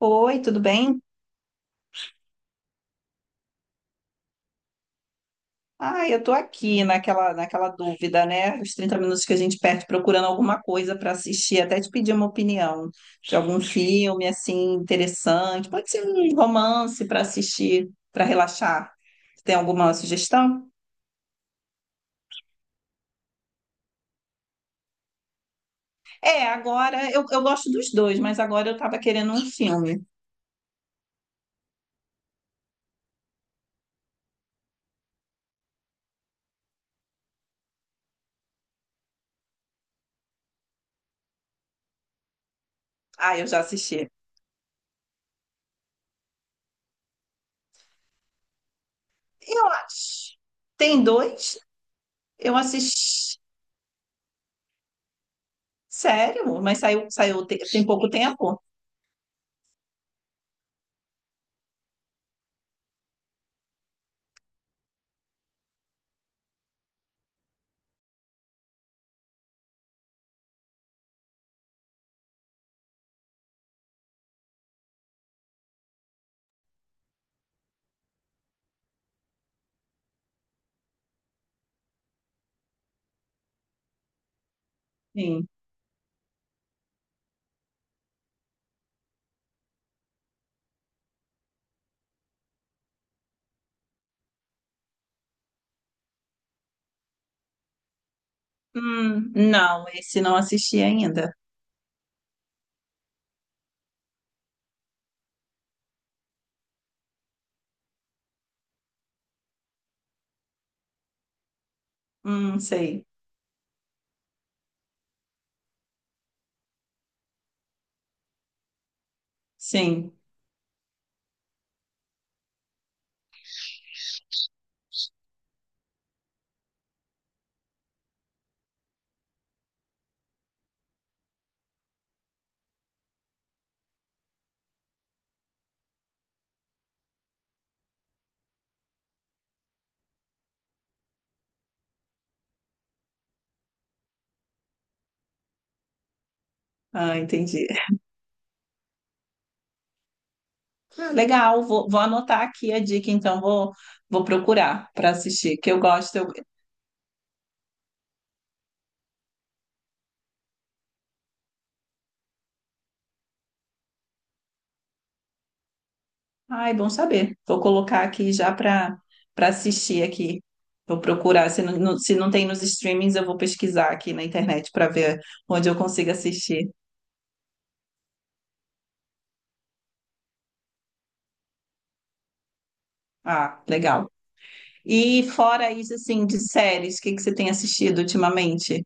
Oi, tudo bem? Ah, eu tô aqui naquela dúvida, né? Os 30 minutos que a gente perde procurando alguma coisa para assistir, até te pedir uma opinião de algum filme assim interessante. Pode ser um romance para assistir, para relaxar. Tem alguma sugestão? É, agora eu gosto dos dois, mas agora eu tava querendo um filme. Ah, eu já assisti. Eu acho. Tem dois? Eu assisti. Sério? Mas tem pouco tempo? Sim. Não, esse não assisti ainda. Sei. Sim. Ah, entendi. Ah, legal, vou anotar aqui a dica, então vou procurar para assistir, que eu gosto. Eu... Ai, bom saber. Vou colocar aqui já para assistir aqui. Vou procurar. Se não, se não tem nos streamings, eu vou pesquisar aqui na internet para ver onde eu consigo assistir. Ah, legal. E fora isso, assim, de séries, o que que você tem assistido ultimamente?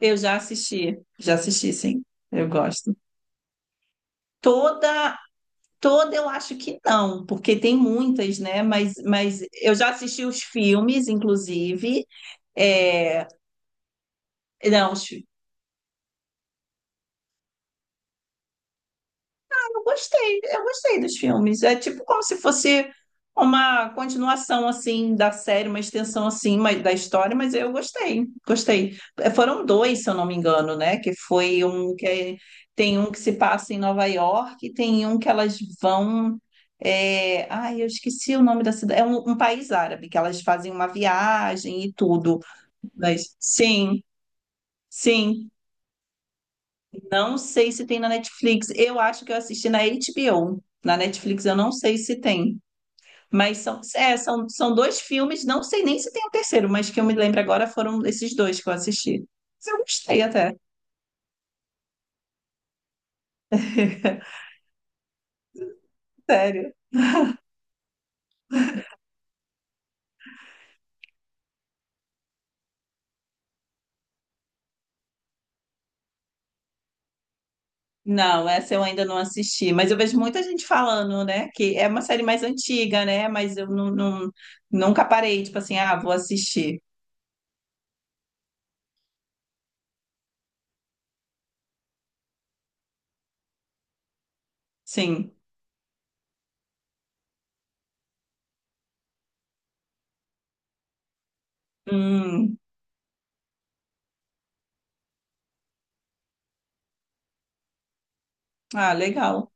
Eu já assisti, sim. Eu gosto. Toda, toda eu acho que não, porque tem muitas, né? Mas, eu já assisti os filmes, inclusive. É, não, os- eu gostei, eu gostei dos filmes. É tipo como se fosse uma continuação assim da série, uma extensão assim mas, da história, mas eu gostei, gostei. Eh, foram dois, se eu não me engano, né? Que foi um que é- Tem um que se passa em Nova York e tem um que elas vão. Ai, eu esqueci o nome da cidade. É um país árabe que elas fazem uma viagem e tudo. Mas sim, sim. Não sei se tem na Netflix. Eu acho que eu assisti na HBO. Na Netflix eu não sei se tem. Mas são, é, são, são dois filmes, não sei nem se tem um terceiro, mas que eu me lembro agora foram esses dois que eu assisti. Mas eu gostei até. Sério. Não, essa eu ainda não assisti, mas eu vejo muita gente falando, né? Que é uma série mais antiga, né? Mas eu nunca parei, tipo assim, ah, vou assistir. Sim. Hum, ah, legal.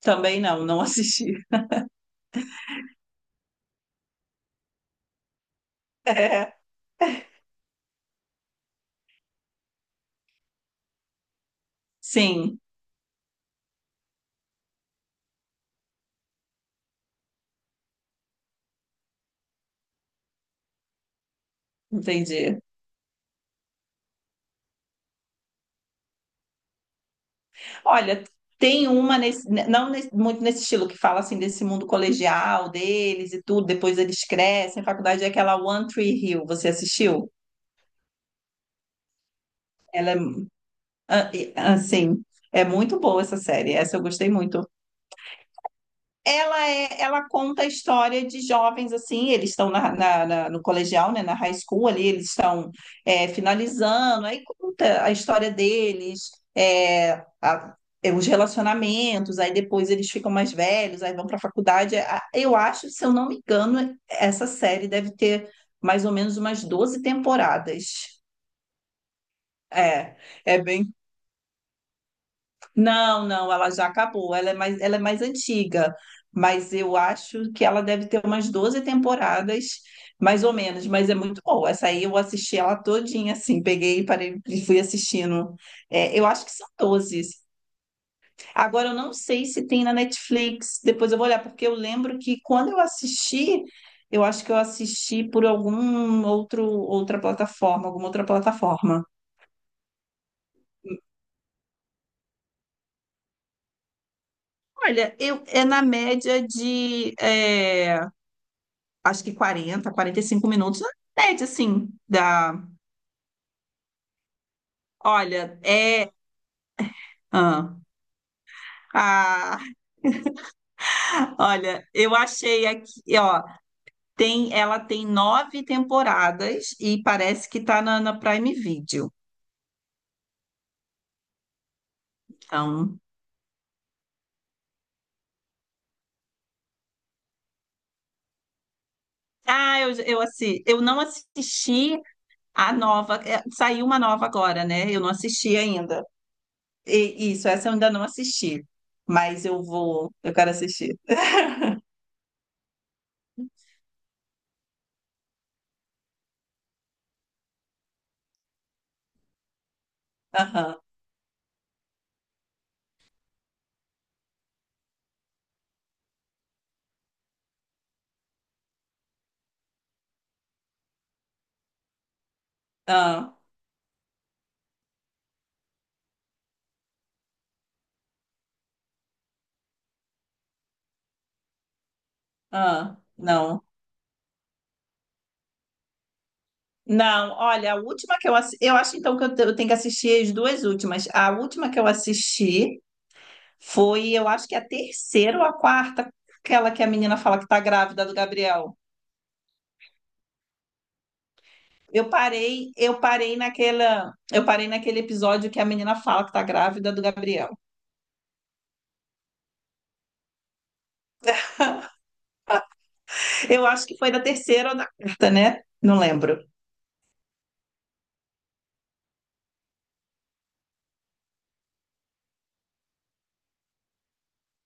Também não, não assisti. É. Sim, entendi. Olha, tem uma nesse, né, não nesse- muito nesse estilo que fala assim desse mundo colegial deles e tudo, depois eles crescem. A faculdade é aquela One Tree Hill, você assistiu? Ela é ah, assim, é muito boa essa série. Essa eu gostei muito. Ela é, ela conta a história de jovens assim, eles estão no colegial, né, na high school ali, eles estão é, finalizando, aí conta a história deles, é, a- é, os relacionamentos, aí depois eles ficam mais velhos, aí vão para a faculdade. Eu acho, se eu não me engano, essa série deve ter mais ou menos umas 12 temporadas. É, é bem Não, não, ela já acabou. Ela é mais antiga, mas eu acho que ela deve ter umas 12 temporadas, mais ou menos, mas é muito boa. Essa aí eu assisti ela todinha, assim, peguei e parei e fui assistindo. É, eu acho que são 12. Agora eu não sei se tem na Netflix, depois eu vou olhar, porque eu lembro que quando eu assisti, eu acho que eu assisti por algum outro, outra plataforma, alguma outra plataforma. Olha, eu, é na média de acho que quarenta, quarenta e cinco minutos, na média, assim, da. Olha, é. Ah, ah, olha, eu achei aqui, ó, tem, ela tem nove temporadas e parece que tá na Prime Video. Então, ah, assi, eu não assisti a nova, é, saiu uma nova agora, né? Eu não assisti ainda. Isso, essa eu ainda não assisti, mas eu vou, eu quero assistir. Aham, ah, ah, não. Não, olha, a última que eu assisti, eu acho então que eu tenho que assistir as duas últimas. A última que eu assisti foi, eu acho que é a terceira ou a quarta, aquela que a menina fala que tá grávida do Gabriel. Eu parei naquela, eu parei naquele episódio que a menina fala que tá grávida do Gabriel. Eu acho que foi da terceira ou da quarta, né? Não lembro.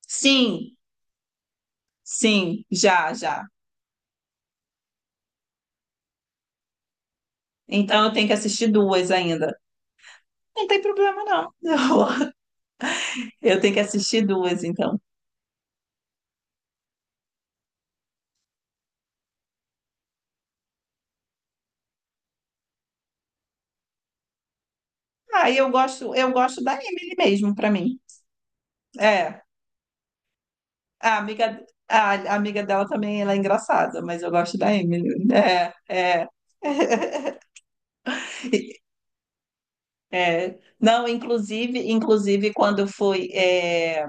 Sim, sim, já, já. Então eu tenho que assistir duas ainda. Não tem problema, não. Eu tenho que assistir duas, então. Ah, eu gosto da Emily mesmo, pra mim. É, a amiga, a amiga dela também, ela é engraçada, mas eu gosto da Emily. É, é, é. Não, inclusive, inclusive quando foi, é,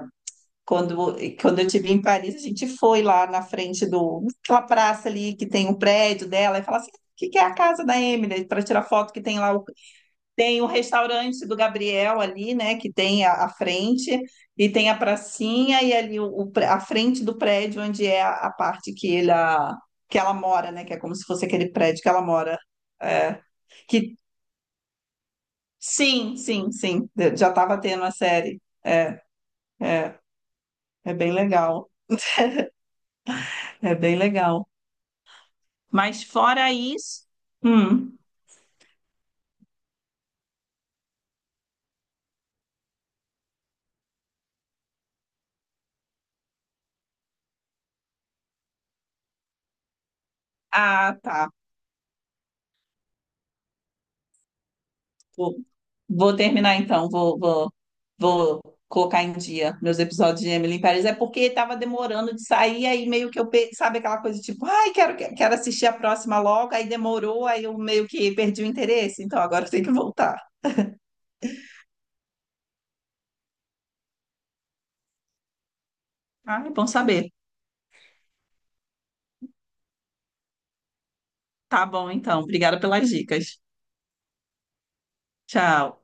quando, quando eu estive em Paris, a gente foi lá na frente do, aquela praça ali que tem o prédio dela e fala assim, "Ah, o que que é a casa da Emily? Para tirar foto que tem lá o Tem o restaurante do Gabriel ali, né? Que tem a frente, e tem a pracinha, e ali a frente do prédio, onde é a parte que, ele, que ela mora, né? Que é como se fosse aquele prédio que ela mora. É, que sim, sim, sim, eu já estava tendo a série. É, é bem legal, é bem legal. Mas fora isso, hum, ah, tá. Vou, vou terminar então, vou, vou, vou colocar em dia meus episódios de Emily em Paris. É porque estava demorando de sair, aí meio que eu, pe- sabe aquela coisa tipo, ai, quero, quero assistir a próxima logo, aí demorou, aí eu meio que perdi o interesse, então agora tem que voltar. Ah, é bom saber. Tá bom, então. Obrigada pelas dicas. Tchau.